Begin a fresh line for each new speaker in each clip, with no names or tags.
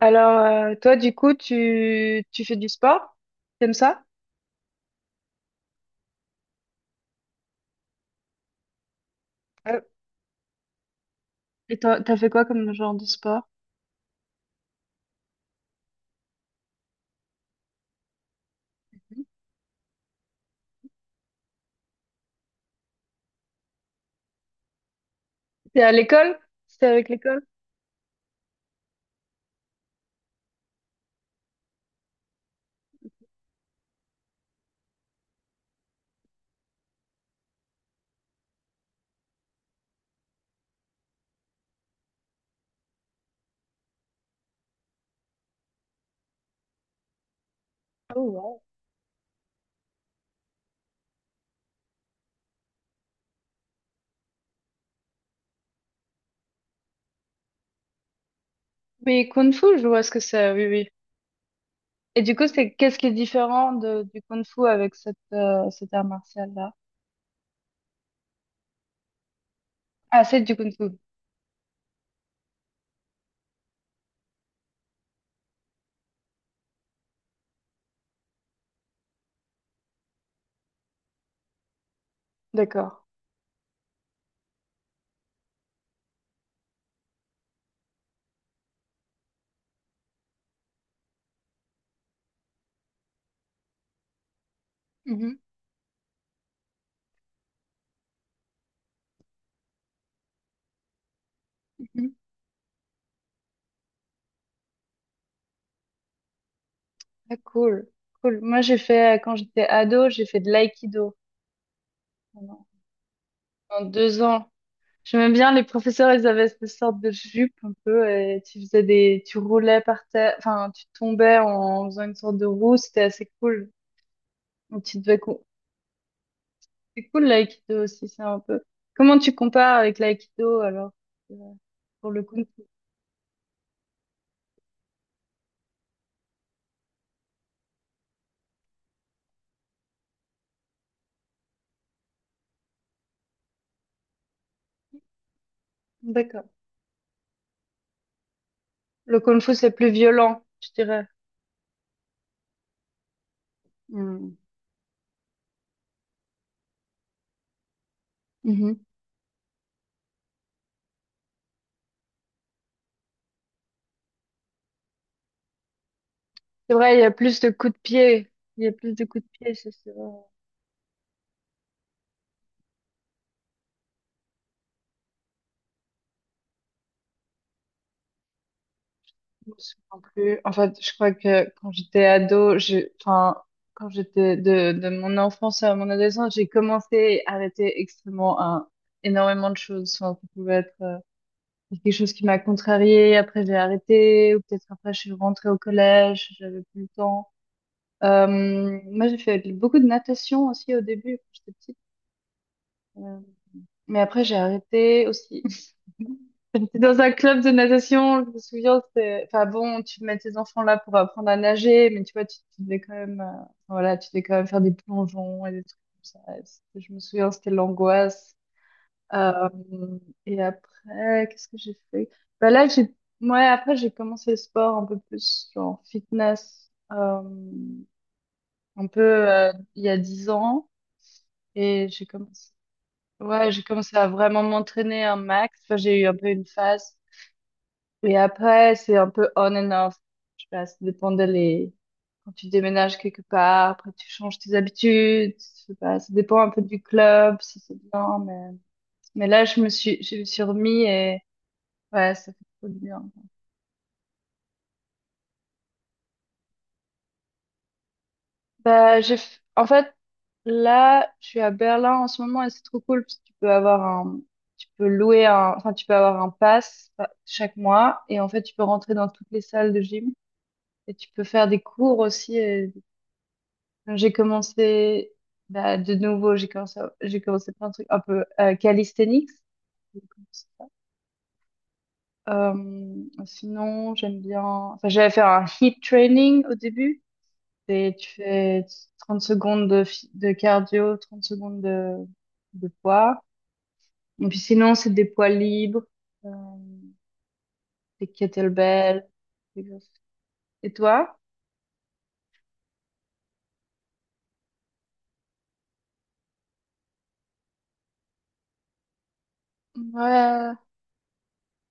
Alors, toi, du coup, tu fais du sport? T'aimes ça? Euh, Et t'as fait quoi comme genre de sport? T'es à l'école? C'était avec l'école? Oh, wow. Oui, Kung Fu, je vois ce que c'est, oui, oui. Et du coup, c'est, qu'est-ce qui est différent du Kung Fu avec cet art martial-là? Ah, c'est du Kung Fu. D'accord. Mhm, mhm. Ah, cool. Cool. Moi, j'ai fait, quand j'étais ado, j'ai fait de l'aïkido pendant pendant 2 ans. J'aimais bien les professeurs, ils avaient cette sorte de jupe un peu et tu faisais tu roulais par terre, enfin tu tombais en faisant une sorte de roue, c'était assez cool. Donc, c'est cool l'aïkido aussi, c'est un peu. Comment tu compares avec l'aïkido alors, euh, pour le kung fu? D'accord. Le kung fu c'est plus violent, je dirais. Hmm. Mhm. C'est vrai, il y a plus de coups de pied, il y a plus de coups de pied, ça, c'est vrai. Je me souviens plus. En fait, je crois que quand j'étais ado, j'ai, enfin, quand j'étais de mon enfance à mon adolescence, j'ai commencé à arrêter énormément de choses. Enfin, ça pouvait être quelque chose qui m'a contrariée, après j'ai arrêté, ou peut-être après je suis rentrée au collège, j'avais plus le temps. Euh, Moi, j'ai fait beaucoup de natation aussi au début, quand j'étais petite. Euh, mais après, j'ai arrêté aussi. J'étais dans un club de natation, je me souviens, c'était, enfin bon, tu mets tes enfants là pour apprendre à nager, mais tu vois, tu devais quand même, voilà, tu devais quand même faire des plongeons et des trucs comme ça. Et je me souviens, c'était l'angoisse. Euh, et après, qu'est-ce que j'ai fait? Bah là, j'ai, ouais, après, j'ai commencé le sport un peu plus, genre fitness, un peu, il y a 10 ans, et j'ai commencé, ouais, j'ai commencé à vraiment m'entraîner un max. Enfin, j'ai eu un peu une phase. Et après, c'est un peu on and off. Je sais pas, ça dépend de les. Quand tu déménages quelque part, après tu changes tes habitudes, je sais pas, ça dépend un peu du club, si c'est bien, mais. Mais là, je me suis remis et ouais, ça fait trop du bien. Bah, en fait, là, je suis à Berlin en ce moment et c'est trop cool parce que tu peux avoir un. Tu peux louer un. Enfin, tu peux avoir un pass, chaque mois et en fait, tu peux rentrer dans toutes les salles de gym et tu peux faire des cours aussi. Donc, j'ai commencé, bah, de nouveau, j'ai commencé plein de trucs un peu, calisthenics. Sinon, j'aime bien. Enfin, j'avais fait un HIIT training au début. Et tu fais 30 secondes de cardio, 30 secondes de poids. Et puis sinon, c'est des poids libres, euh, des kettlebells. Des exercices. Et toi? Ouais,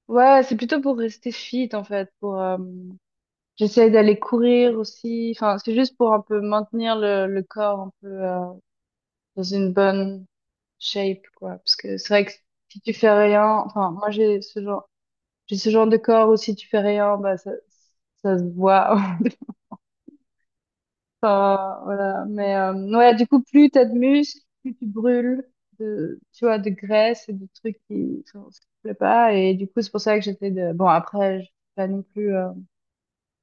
ouais, c'est plutôt pour rester fit en fait, pour, j'essaie d'aller courir aussi. Enfin, c'est juste pour un peu maintenir le corps un peu, dans une bonne shape, quoi. Parce que c'est vrai que si tu fais rien, enfin, moi j'ai ce genre de corps où si tu fais rien, bah ça, ça se voit. Enfin, voilà. Mais, ouais, du coup, plus t'as de muscles, plus tu brûles de, tu vois, de graisse et de trucs qui, enfin, ce qui te plaît pas. Et du coup, c'est pour ça que j'étais de. Bon, après, je vais pas non plus,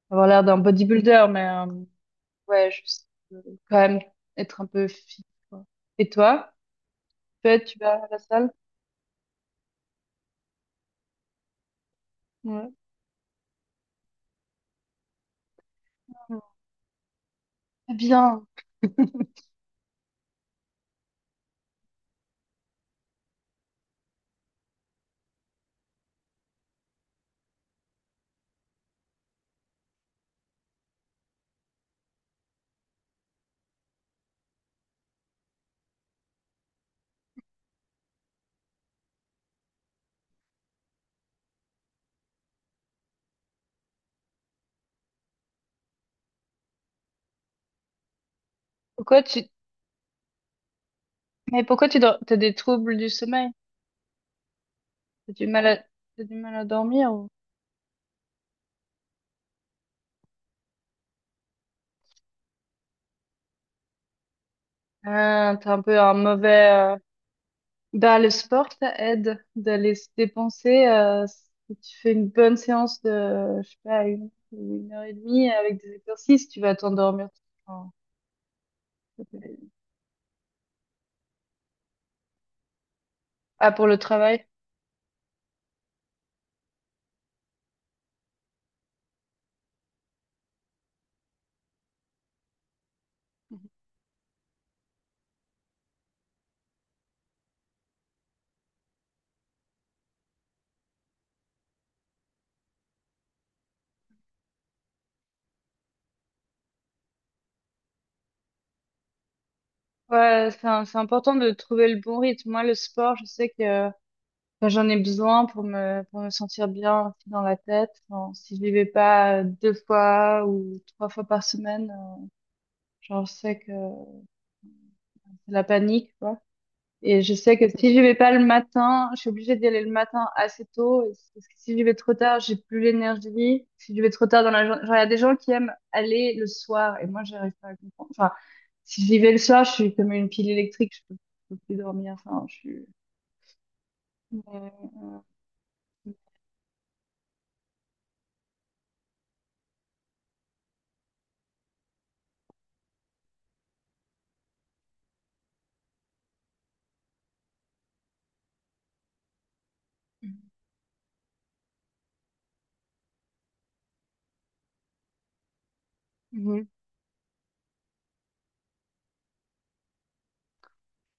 avoir l'air d'un bodybuilder, mais, ouais, juste, euh, quand même être un peu fit, quoi. Et toi, peut-être tu vas à la salle? Ouais. Eh bien. Pourquoi tu Mais pourquoi tu dors? T'as des troubles du sommeil? T'as du mal à t'as du mal à dormir ou. Ah, t'as un peu un mauvais, bah le sport ça aide d'aller se dépenser, si tu fais une bonne séance de je sais pas une heure et demie avec des exercices tu vas t'endormir. Enfin, ça peut- Ah pour le travail? Ouais, c'est important de trouver le bon rythme. Moi, le sport, je sais que, enfin, j'en ai besoin pour pour me sentir bien aussi dans la tête. Enfin, si je n'y vais pas, deux fois ou trois fois par semaine, genre, je sais que c'est la panique, quoi. Et je sais que si j'y vais pas le matin, je suis obligée d'y aller le matin assez tôt. Parce que si j'y vais trop tard, j'ai plus l'énergie. Si j'y vais trop tard dans la journée, genre, il y a des gens qui aiment aller le soir. Et moi, j'arrive pas à comprendre. Enfin, si j'y vais le soir, je suis comme une pile électrique. Je peux plus dormir. Enfin, je suis. Mais, mhm.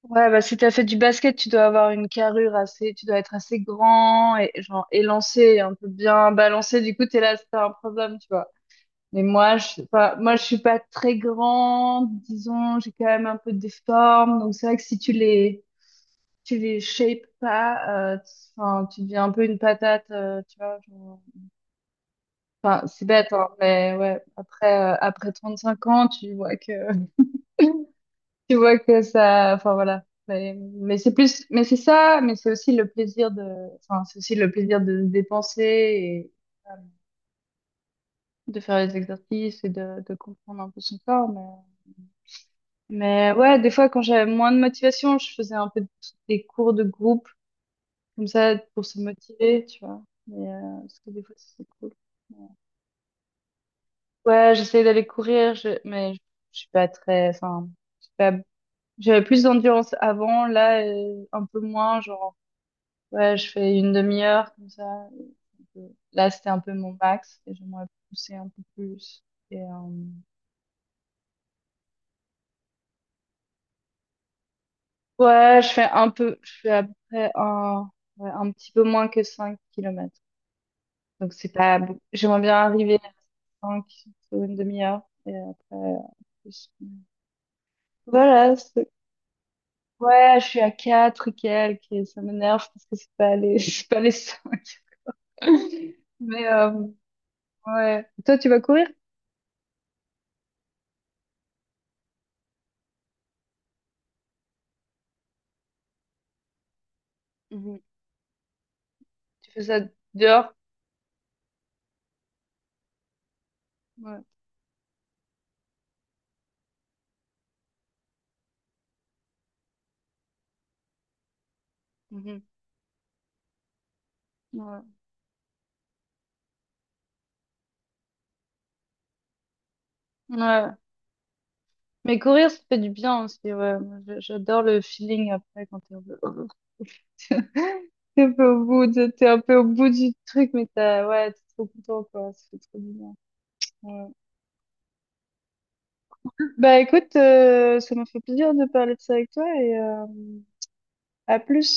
Ouais, bah, si t'as fait du basket, tu dois avoir une carrure assez, tu dois être assez grand et genre élancé, et un peu bien balancé. Du coup, t'es là, c'est un problème, tu vois. Mais moi, je suis pas, moi, je suis pas très grande, disons, j'ai quand même un peu des formes, donc c'est vrai que si tu les shapes pas, enfin, tu deviens un peu une patate, tu vois, enfin, c'est bête, hein, mais ouais, après, après 35 ans, tu vois que, tu vois que ça, enfin, voilà. Mais c'est plus, mais c'est ça, mais c'est aussi le plaisir de, enfin, c'est aussi le plaisir de se dépenser et, euh, de faire les exercices et de comprendre un peu son corps, mais. Mais ouais, des fois, quand j'avais moins de motivation, je faisais des cours de groupe, comme ça, pour se motiver, tu vois. Mais, parce que des fois, c'est cool. Ouais, ouais, j'essayais d'aller courir, mais je suis pas très, enfin, je suis pas- j'avais plus d'endurance avant, là, un peu moins, genre, ouais, je fais une demi-heure, comme ça. Et puis, là, c'était un peu mon max, et j'aimerais pousser un peu plus. Et, ouais, je fais un peu, je fais à peu près un, ouais, un petit peu moins que 5 km. Donc, c'est pas j'aimerais bien arriver à 5 sur une demi-heure. Et après, plus. Voilà. Ouais, je suis à 4 et quelques et ça m'énerve parce que c'est pas les, c'est pas les cinq. Mais, ouais. Toi, tu vas courir? Mhm. Tu fais ça dehors? Ouais. Mhm. Ouais. Ouais. Mais courir, ça fait du bien aussi, ouais. Moi, j'adore le feeling après quand t'es un peu. T'es un peu au bout du truc, mais t'as, ouais, t'es trop content, quoi. Ça fait trop du bien. Ouais. Bah, écoute, ça m'a fait plaisir de parler de ça avec toi et, à plus.